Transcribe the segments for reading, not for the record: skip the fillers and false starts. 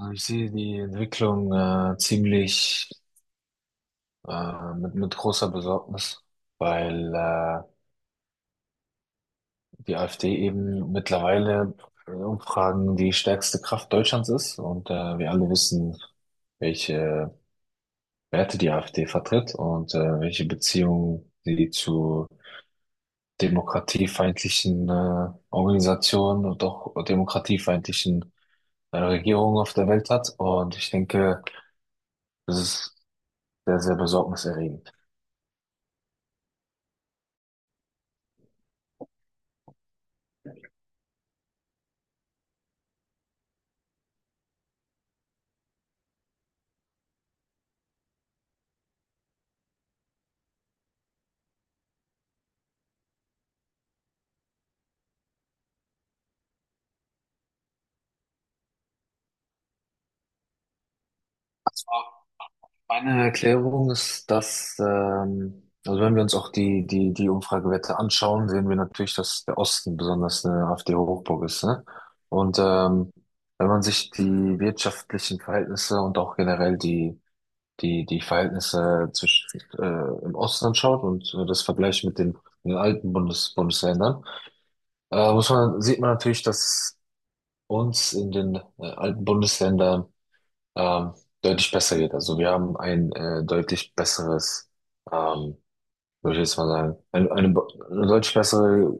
Also ich sehe die Entwicklung ziemlich mit großer Besorgnis, weil die AfD eben mittlerweile in Umfragen die stärkste Kraft Deutschlands ist und wir alle wissen, welche Werte die AfD vertritt und welche Beziehungen sie zu demokratiefeindlichen Organisationen und auch demokratiefeindlichen Regierungen auf der Welt hat. Und ich denke, das ist sehr, sehr besorgniserregend. Meine Erklärung ist, dass, also wenn wir uns auch die Umfragewerte anschauen, sehen wir natürlich, dass der Osten besonders eine AfD-Hochburg ist, ne? Und wenn man sich die wirtschaftlichen Verhältnisse und auch generell die Verhältnisse zwischen, im Osten anschaut und das vergleicht mit den alten Bundesländern, sieht man natürlich, dass uns in den alten Bundesländern ähm, deutlich besser geht. Also wir haben ein deutlich besseres, ähm, würde ich jetzt mal sagen, eine deutlich bessere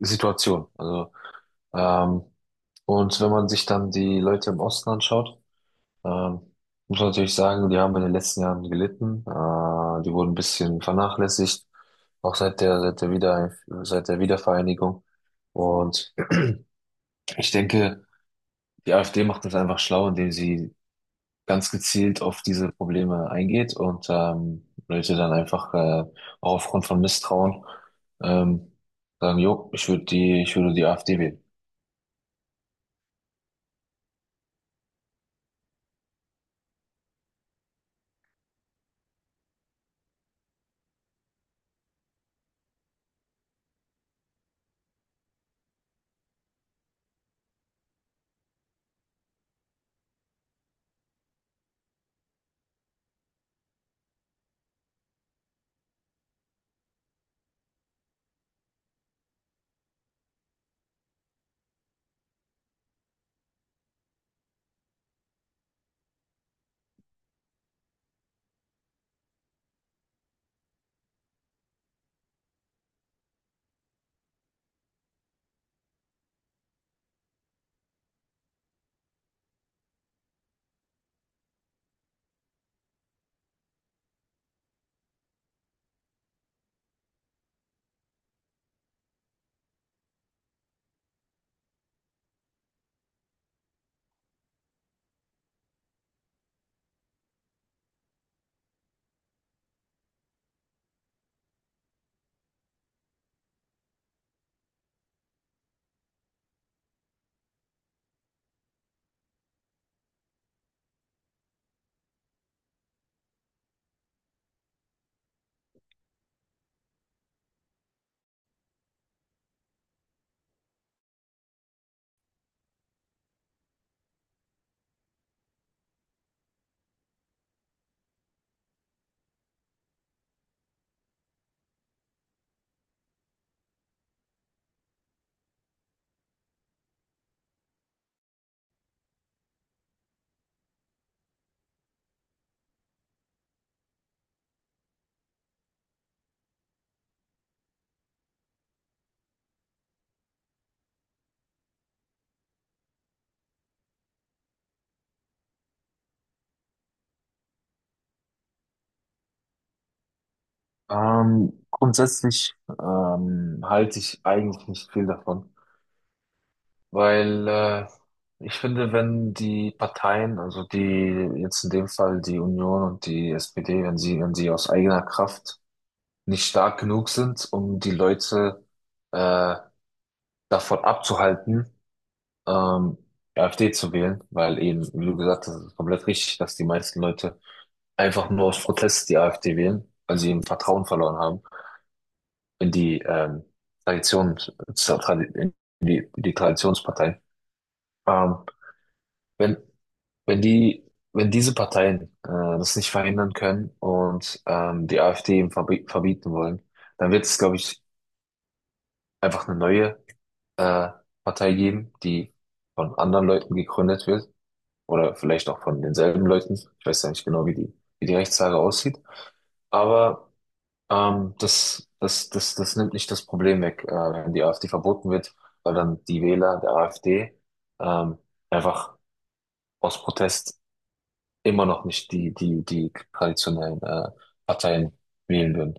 Situation. Ähm, und wenn man sich dann die Leute im Osten anschaut, ähm, muss man natürlich sagen, die haben in den letzten Jahren gelitten. Die wurden ein bisschen vernachlässigt, auch seit der Wiedervereinigung. Und ich denke, die AfD macht das einfach schlau, indem sie ganz gezielt auf diese Probleme eingeht und Leute dann einfach auch aufgrund von Misstrauen ähm, sagen, jo, ich würde die AfD wählen. Grundsätzlich halte ich eigentlich nicht viel davon, weil ich finde, wenn die Parteien, also die jetzt in dem Fall die Union und die SPD, wenn sie aus eigener Kraft nicht stark genug sind, um die Leute äh, davon abzuhalten, ähm, AfD zu wählen, weil eben, wie du gesagt hast, ist komplett richtig, dass die meisten Leute einfach nur aus Protest die AfD wählen, weil sie eben Vertrauen verloren haben in die Tradition, in die Traditionspartei. Ähm, wenn, wenn die, Wenn diese Parteien das nicht verhindern können und die AfD eben verbieten wollen, dann wird es, glaube ich, einfach eine neue äh, Partei geben, die von anderen Leuten gegründet wird oder vielleicht auch von denselben Leuten. Ich weiß ja nicht genau, wie die Rechtslage aussieht. Aber das nimmt nicht das Problem weg, wenn die AfD verboten wird, weil dann die Wähler der AfD ähm, einfach aus Protest immer noch nicht die traditionellen Parteien wählen würden.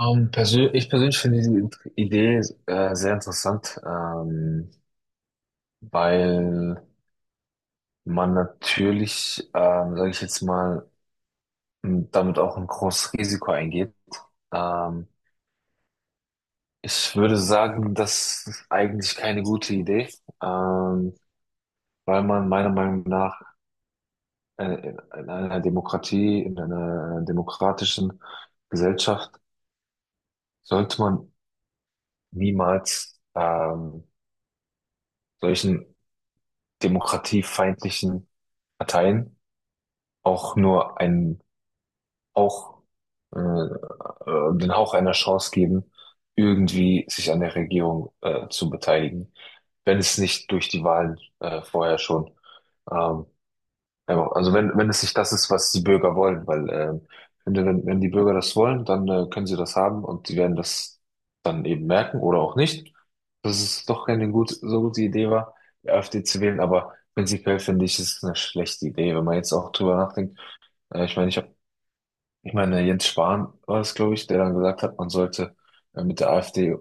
Persö Ich persönlich finde die Idee sehr interessant, weil man natürlich, sage ich jetzt mal, und damit auch ein großes Risiko eingeht. Ähm, Ich würde sagen, das ist eigentlich keine gute Idee, ähm, weil man meiner Meinung nach äh, in einer Demokratie, in einer demokratischen Gesellschaft sollte man niemals solchen demokratiefeindlichen Parteien auch nur einen auch den Hauch einer Chance geben, irgendwie sich an der Regierung zu beteiligen, wenn es nicht durch die Wahlen vorher schon, ähm, wenn, wenn es nicht das ist, was die Bürger wollen, weil wenn die Bürger das wollen, dann können sie das haben und sie werden das dann eben merken oder auch nicht, dass es doch keine gut, so gute Idee war, die AfD zu wählen, aber prinzipiell finde ich, es ist eine schlechte Idee, wenn man jetzt auch drüber nachdenkt. Äh, ich meine, ich habe Ich meine, Jens Spahn war es, glaube ich, der dann gesagt hat, man sollte mit der AfD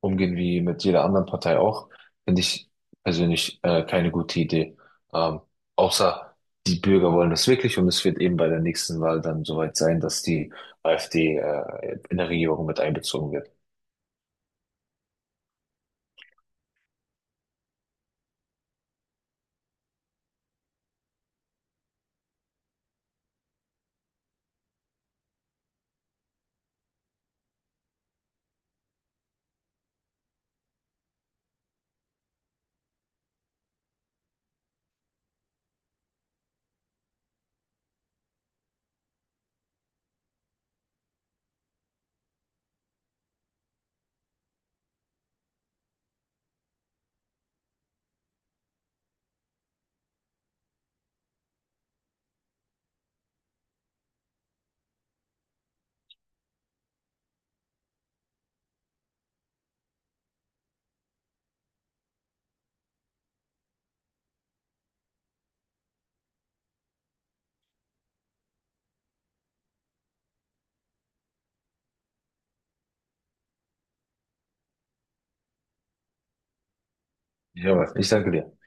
umgehen wie mit jeder anderen Partei auch, finde ich persönlich keine gute Idee. Ähm, Außer die Bürger wollen das wirklich und es wird eben bei der nächsten Wahl dann soweit sein, dass die AfD in der Regierung mit einbezogen wird. Ja, ich danke dir.